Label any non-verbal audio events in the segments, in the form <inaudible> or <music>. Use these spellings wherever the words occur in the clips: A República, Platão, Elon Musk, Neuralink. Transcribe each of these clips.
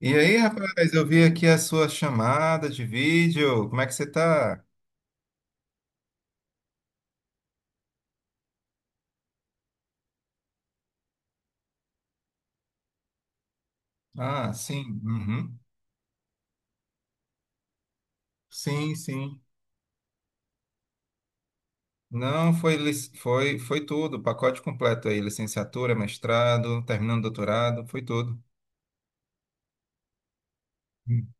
E aí, rapaz, eu vi aqui a sua chamada de vídeo. Como é que você tá? Ah, sim, uhum. Sim, sim. Não, foi, foi tudo, o pacote completo aí, licenciatura, mestrado, terminando doutorado, foi tudo. Hum.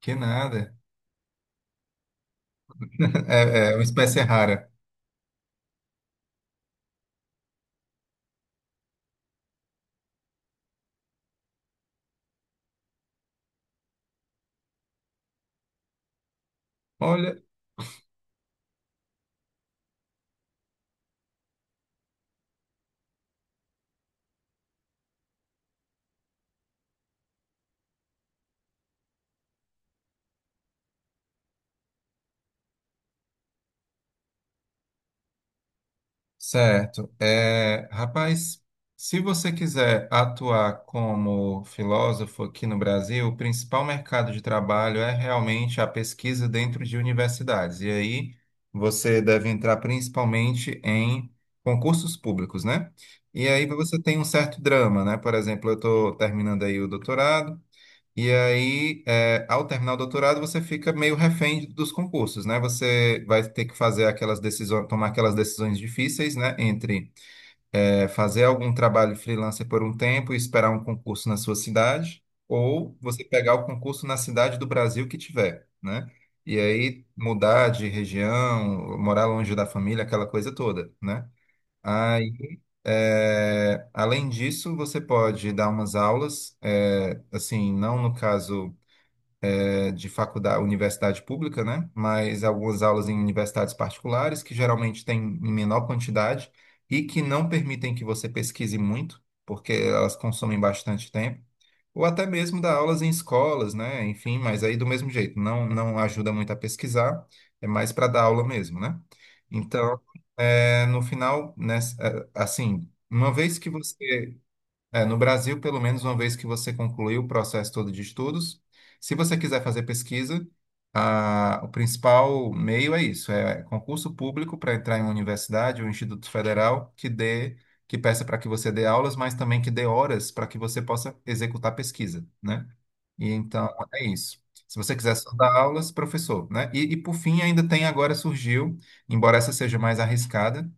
Que nada. <laughs> É, é uma espécie rara. Olha, certo. Rapaz, se você quiser atuar como filósofo aqui no Brasil, o principal mercado de trabalho é realmente a pesquisa dentro de universidades. E aí você deve entrar principalmente em concursos públicos, né? E aí você tem um certo drama, né? Por exemplo, eu estou terminando aí o doutorado. E aí, ao terminar o doutorado, você fica meio refém dos concursos, né? Você vai ter que fazer aquelas decisões, tomar aquelas decisões difíceis, né? Entre fazer algum trabalho freelancer por um tempo e esperar um concurso na sua cidade, ou você pegar o concurso na cidade do Brasil que tiver, né? E aí mudar de região, morar longe da família, aquela coisa toda, né? Aí, além disso, você pode dar umas aulas, assim, não no caso de faculdade, universidade pública, né? Mas algumas aulas em universidades particulares, que geralmente têm em menor quantidade e que não permitem que você pesquise muito, porque elas consomem bastante tempo. Ou até mesmo dar aulas em escolas, né? Enfim, mas aí do mesmo jeito, não ajuda muito a pesquisar, é mais para dar aula mesmo, né? Então, no final, né, assim, uma vez que você no Brasil, pelo menos uma vez que você concluiu o processo todo de estudos, se você quiser fazer pesquisa, o principal meio é isso, é concurso público para entrar em uma universidade ou instituto federal que dê, que peça para que você dê aulas, mas também que dê horas para que você possa executar pesquisa, né? E então é isso. Se você quiser só dar aulas, professor, né? E por fim, ainda tem agora surgiu, embora essa seja mais arriscada,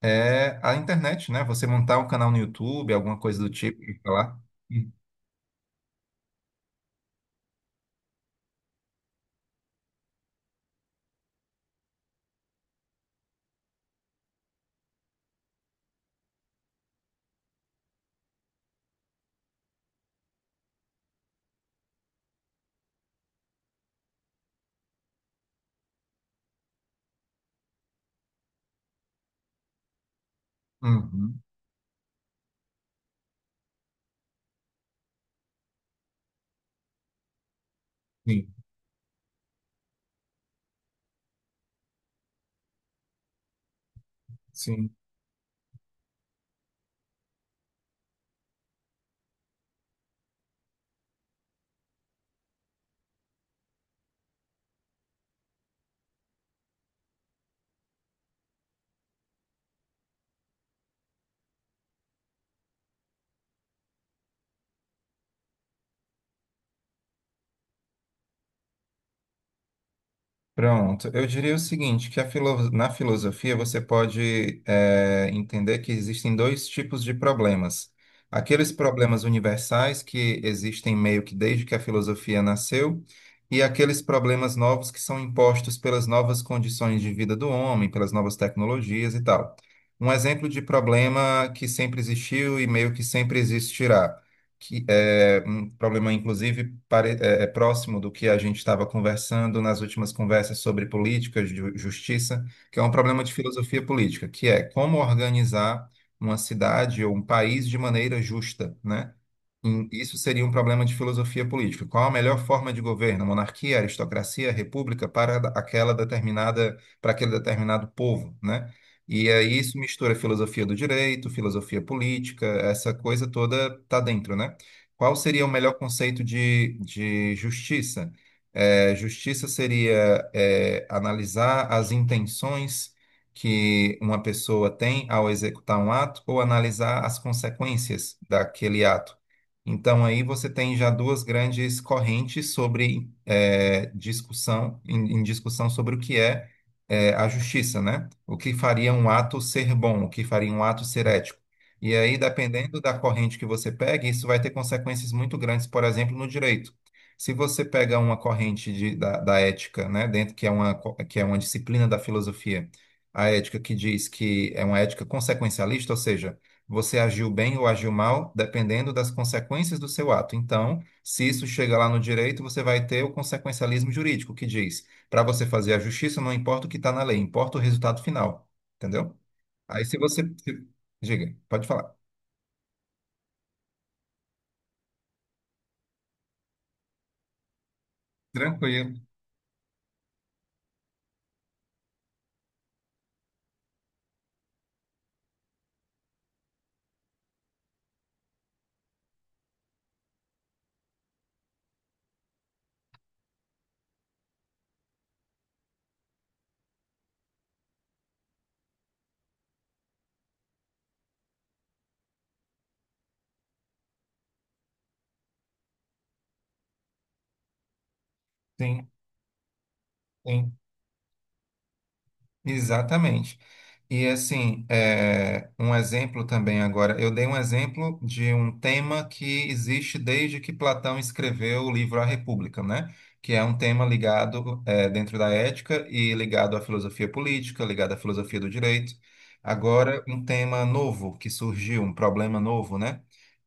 é a internet, né? Você montar um canal no YouTube, alguma coisa do tipo, e falar. Uhum. Sim, sim. Pronto, eu diria o seguinte, que a na filosofia você pode entender que existem dois tipos de problemas. Aqueles problemas universais que existem meio que desde que a filosofia nasceu, e aqueles problemas novos que são impostos pelas novas condições de vida do homem, pelas novas tecnologias e tal. Um exemplo de problema que sempre existiu e meio que sempre existirá, que é um problema, inclusive, é próximo do que a gente estava conversando nas últimas conversas sobre política, de justiça, que é um problema de filosofia política, que é como organizar uma cidade ou um país de maneira justa, né? Isso seria um problema de filosofia política. Qual a melhor forma de governo? Monarquia, aristocracia, república para aquela determinada, para aquele determinado povo, né? E aí isso mistura filosofia do direito, filosofia política, essa coisa toda tá dentro, né? Qual seria o melhor conceito de justiça? Justiça seria, analisar as intenções que uma pessoa tem ao executar um ato ou analisar as consequências daquele ato. Então, aí você tem já duas grandes correntes sobre, discussão, em discussão sobre o que é, a justiça, né? O que faria um ato ser bom, o que faria um ato ser ético. E aí, dependendo da corrente que você pega, isso vai ter consequências muito grandes, por exemplo, no direito. Se você pega uma corrente da ética, né, dentro que é uma, que é uma disciplina da filosofia, a ética que diz que é uma ética consequencialista, ou seja, você agiu bem ou agiu mal, dependendo das consequências do seu ato. Então, se isso chega lá no direito, você vai ter o consequencialismo jurídico, que diz, para você fazer a justiça, não importa o que está na lei, importa o resultado final. Entendeu? Aí, se você. Se- diga, pode falar. Tranquilo, sim, sim, exatamente. E assim, um exemplo também agora, eu dei um exemplo de um tema que existe desde que Platão escreveu o livro A República, né? Que é um tema ligado, dentro da ética e ligado à filosofia política, ligado à filosofia do direito. Agora, um tema novo que surgiu, um problema novo, né?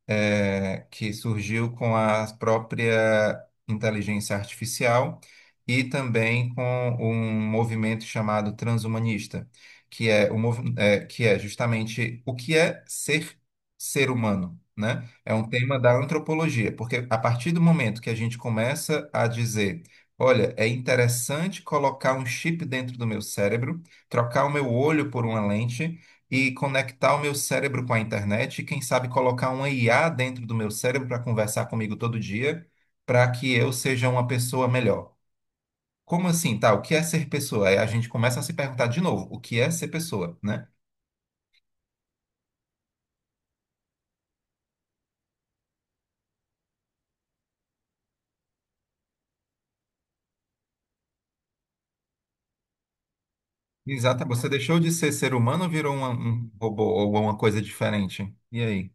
que surgiu com a própria inteligência artificial e também com um movimento chamado transhumanista, que é, que é justamente o que é ser ser humano, né? É um tema da antropologia, porque a partir do momento que a gente começa a dizer: olha, é interessante colocar um chip dentro do meu cérebro, trocar o meu olho por uma lente e conectar o meu cérebro com a internet e, quem sabe, colocar uma IA dentro do meu cérebro para conversar comigo todo dia, para que eu seja uma pessoa melhor. Como assim, tá? O que é ser pessoa? Aí a gente começa a se perguntar de novo, o que é ser pessoa, né? Exato, você deixou de ser ser humano ou virou um robô ou uma coisa diferente? E aí?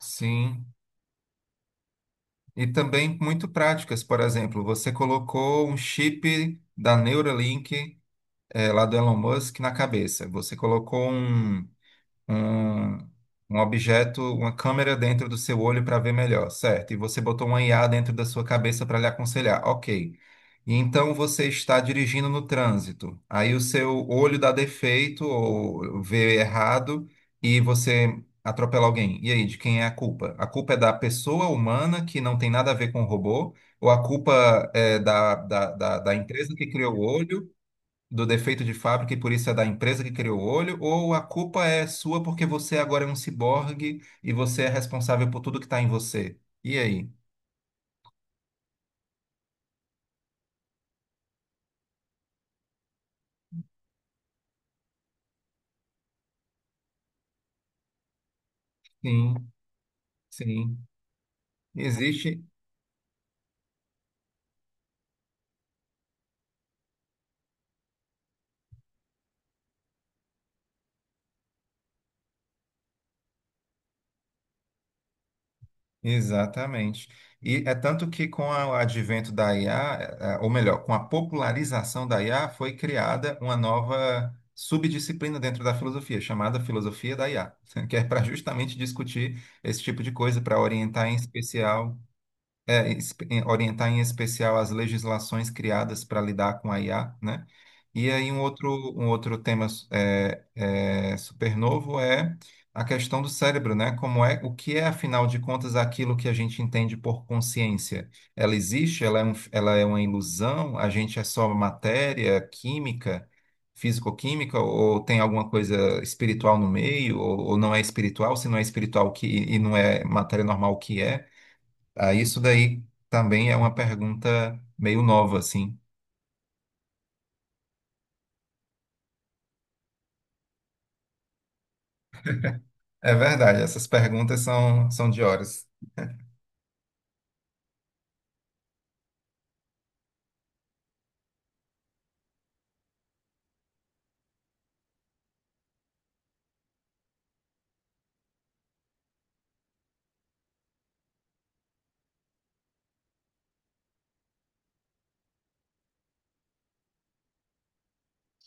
Sim. E também muito práticas, por exemplo, você colocou um chip da Neuralink, lá do Elon Musk na cabeça. Você colocou um, um objeto, uma câmera dentro do seu olho para ver melhor, certo? E você botou uma IA dentro da sua cabeça para lhe aconselhar, ok. E então você está dirigindo no trânsito, aí o seu olho dá defeito ou vê errado e você atropela alguém. E aí, de quem é a culpa? A culpa é da pessoa humana que não tem nada a ver com o robô? Ou a culpa é da empresa que criou o olho do defeito de fábrica e por isso é da empresa que criou o olho, ou a culpa é sua porque você agora é um ciborgue e você é responsável por tudo que está em você? E aí? Sim, sim. Existe. Exatamente. E é tanto que o advento da IA, ou melhor, com a popularização da IA, foi criada uma nova subdisciplina dentro da filosofia, chamada filosofia da IA, <laughs> que é para justamente discutir esse tipo de coisa, para orientar em especial orientar em especial as legislações criadas para lidar com a IA, né? E aí um outro tema é super novo, é a questão do cérebro, né? Como é, o que é, afinal de contas, aquilo que a gente entende por consciência? Ela existe? Ela é uma ilusão? A gente é só matéria, química, físico-química? Ou tem alguma coisa espiritual no meio? Ou não é espiritual? Se não é espiritual, o que, e não é matéria normal, o que é? Ah, isso daí também é uma pergunta meio nova, assim. É verdade, essas perguntas são, são de horas.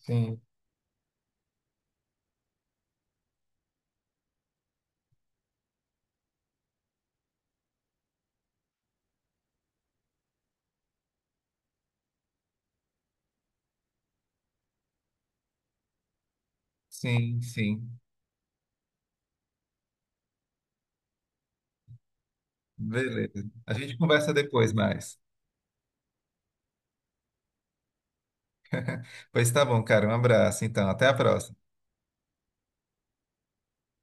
Sim, sim, sim. Beleza. A gente conversa depois mais. Pois tá bom, cara. Um abraço, então. Até a próxima.